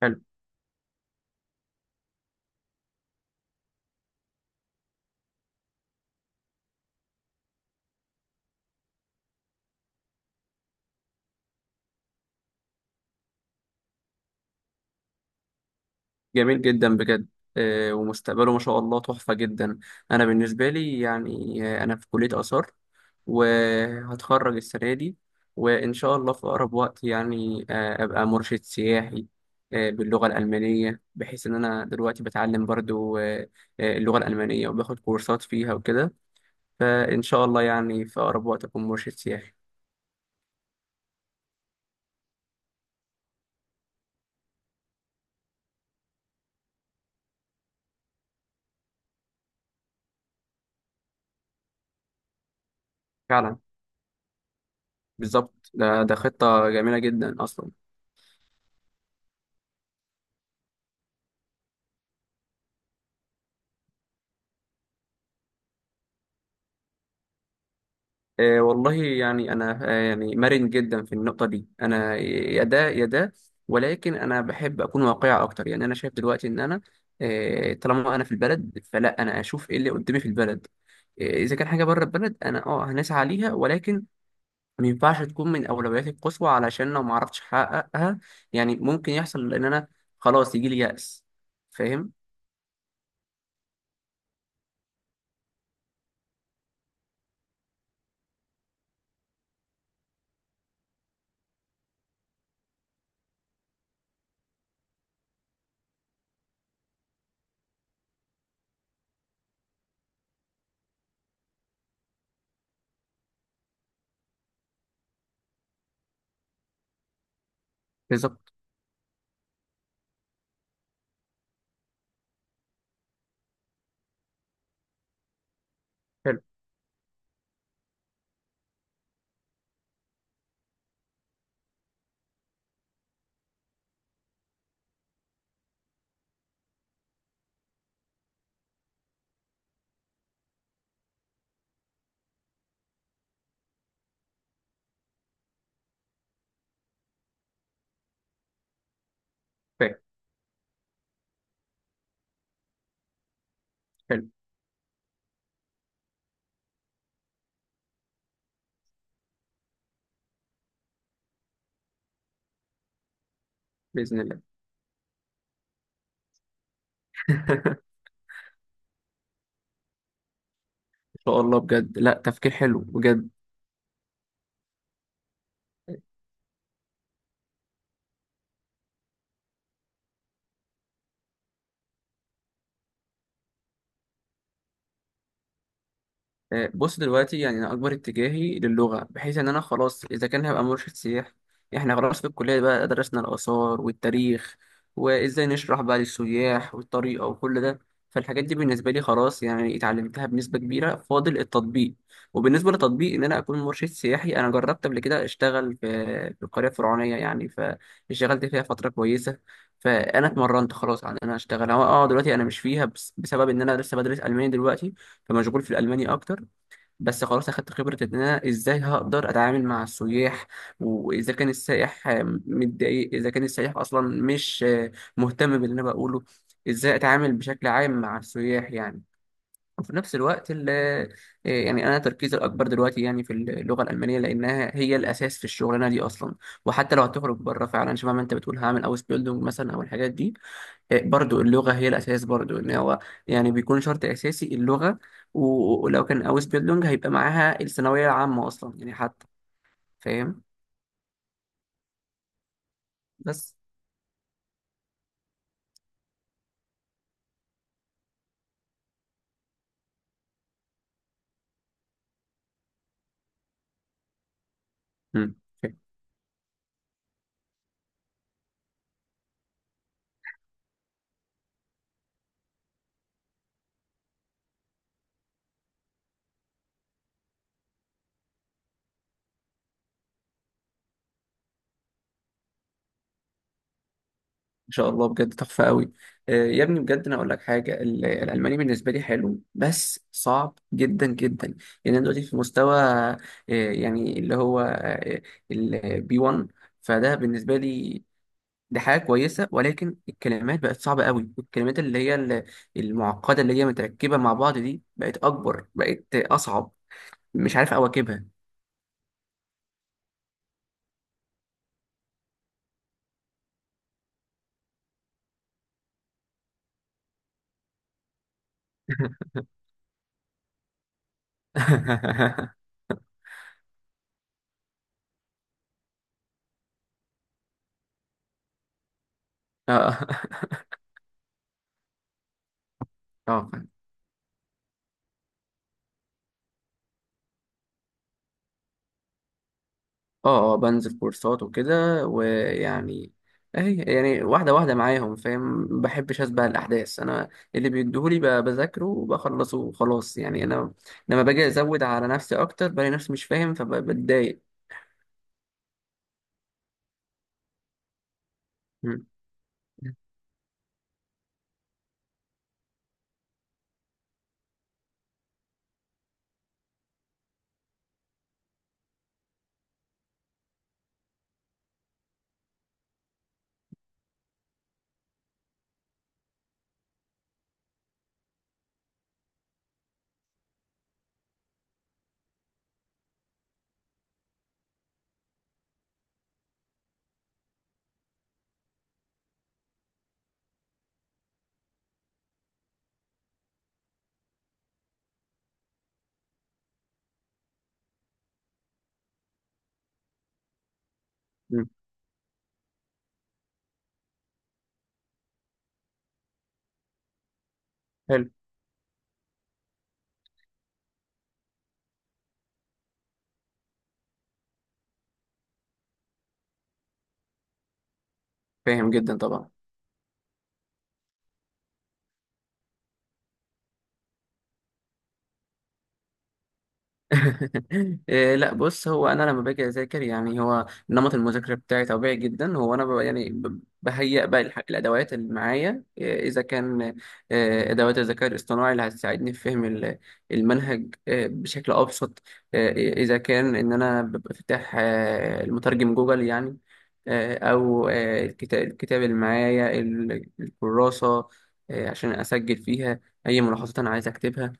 حلو. جميل جدا بجد. ومستقبله ما شاء الله تحفة جدا. أنا بالنسبة لي أنا في كلية آثار وهتخرج السنة دي، وإن شاء الله في أقرب وقت أبقى مرشد سياحي باللغة الألمانية، بحيث إن أنا دلوقتي بتعلم برضو اللغة الألمانية وباخد كورسات فيها وكده. فإن شاء الله يعني في أقرب وقت أكون مرشد سياحي. فعلا، بالظبط. ده خطة جميلة جدا أصلا. والله يعني انا يعني مرن جدا في النقطه دي، انا يا ده يا ده، ولكن انا بحب اكون واقعي اكتر. يعني انا شايف دلوقتي ان انا طالما انا في البلد فلا انا اشوف ايه اللي قدامي في البلد. اذا كان حاجه بره البلد انا هنسعى ليها، ولكن ما ينفعش تكون من اولوياتي القصوى، علشان لو ما عرفتش احققها يعني ممكن يحصل ان انا خلاص يجي لي يأس. فاهم. بالظبط. حلو. فاهم. حلو. باذن الله. ان شاء الله بجد، لا تفكير حلو بجد. بص دلوقتي يعني انا اكبر اتجاهي للغه، بحيث ان انا خلاص اذا كان هبقى مرشد سياحي، احنا خلاص في الكليه بقى درسنا الاثار والتاريخ وازاي نشرح بقى للسياح والطريقه وكل ده. فالحاجات دي بالنسبه لي خلاص يعني اتعلمتها بنسبه كبيره، فاضل التطبيق. وبالنسبه للتطبيق ان انا اكون مرشد سياحي، انا جربت قبل كده اشتغل في في القريه الفرعونيه يعني، فاشتغلت فيها فتره كويسه. فانا اتمرنت خلاص على ان انا اشتغل. هو دلوقتي انا مش فيها بسبب ان انا لسه بدرس الماني دلوقتي، فمشغول في الالماني اكتر. بس خلاص اخدت خبرة ان انا ازاي هقدر اتعامل مع السياح، واذا كان السائح متضايق، اذا كان السائح اصلا مش مهتم باللي انا بقوله، ازاي اتعامل بشكل عام مع السياح يعني. وفي نفس الوقت يعني انا تركيزي الاكبر دلوقتي يعني في اللغة الالمانية، لانها هي الاساس في الشغلانة دي اصلا. وحتى لو هتخرج بره فعلا شبه ما انت بتقول، هعمل اوس بيلدونج مثلا او الحاجات دي. برضو اللغة هي الأساس برضو، إن هو يعني بيكون شرط أساسي اللغة. ولو كان أوس بيلونج هيبقى معاها الثانوية العامة أصلا يعني حتى. فاهم. بس. مم. إن شاء الله بجد تحفة قوي. يا ابني بجد أنا أقول لك حاجة، الألماني بالنسبة لي حلو بس صعب جدا جدا. يعني أنا دلوقتي في مستوى يعني اللي هو البي 1، فده بالنسبة لي دي حاجة كويسة، ولكن الكلمات بقت صعبة قوي، والكلمات المعقدة اللي هي متركبة مع بعض دي بقت أكبر، بقت أصعب، مش عارف أواكبها. اه. اه، فاهم. اه، بنزل كورسات وكده، ويعني اهي يعني واحدة واحدة معاهم، فاهم. ما بحبش اسبق الأحداث أنا، اللي بيديهولي بذاكره وبخلصه وخلاص يعني. أنا لما باجي أزود على نفسي أكتر بلاقي نفسي مش فاهم فبتضايق. م- م- حلو. فاهم جدا طبعا. إيه، لا بص، هو انا لما باجي اذاكر يعني هو نمط المذاكره بتاعي طبيعي جدا. هو انا ببقى يعني بهيئ بقى الادوات اللي معايا. إيه، اذا كان إيه، ادوات الذكاء الاصطناعي اللي هتساعدني في فهم المنهج إيه، بشكل ابسط. إيه، اذا كان ان انا ببقى فاتح المترجم جوجل يعني، او الكتاب اللي معايا الكراسه عشان اسجل فيها اي ملاحظات انا عايز اكتبها.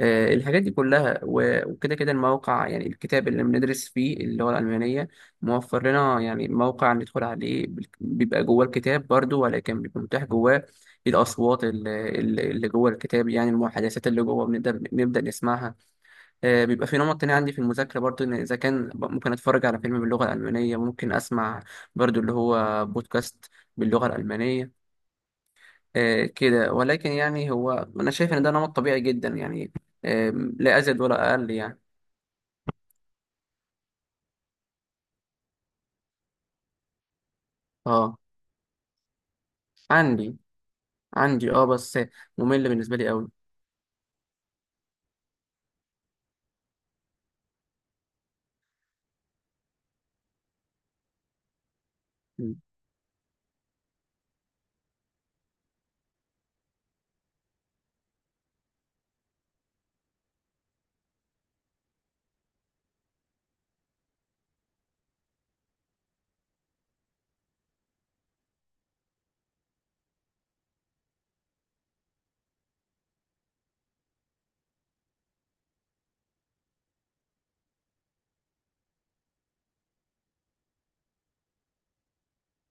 الحاجات دي كلها وكده كده. الموقع يعني الكتاب اللي بندرس فيه اللغة الألمانية موفر لنا يعني موقع ندخل عليه بيبقى جوه الكتاب برضو، ولكن بيبقى متاح جواه الأصوات اللي جوه الكتاب يعني، المحادثات اللي جوه بنبدأ نسمعها. بيبقى في نمط تاني عندي في المذاكرة برضو، إن إذا كان ممكن أتفرج على فيلم باللغة الألمانية، ممكن أسمع برضو اللي هو بودكاست باللغة الألمانية كده. ولكن يعني هو انا شايف ان ده نمط طبيعي جدا يعني، لا ازيد ولا اقل يعني. اه، عندي. عندي بس ممل بالنسبه لي قوي. م،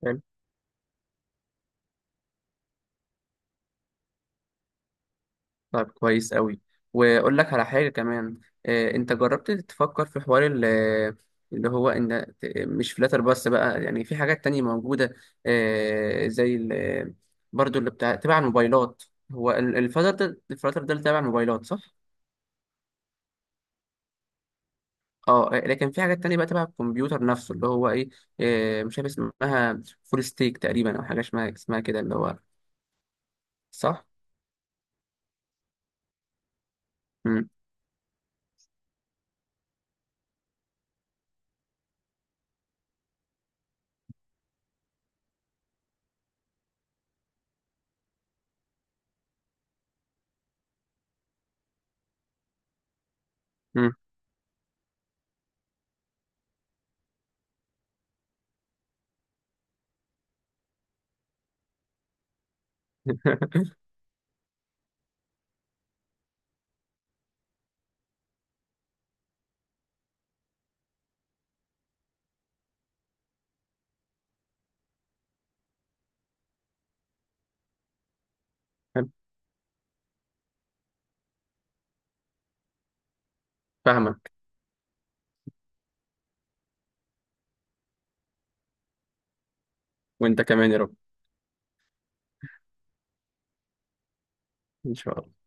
حلو. طيب كويس قوي. واقول لك على حاجه كمان. انت جربت تفكر في حوار اللي هو ان مش فلاتر بس بقى، يعني في حاجات تانية موجوده زي برضو اللي بتاع تبع الموبايلات. هو الفلاتر ده اللي تبع الموبايلات، صح؟ اه، لكن في حاجات تانية بقى تبع الكمبيوتر نفسه، اللي هو ايه، مش عارف اسمها، فول ستيك تقريبا، او حاجه اسمها كده اللي هو، صح؟ مم. مم. فاهمك. وانت كمان يا رب، ان شاء الله.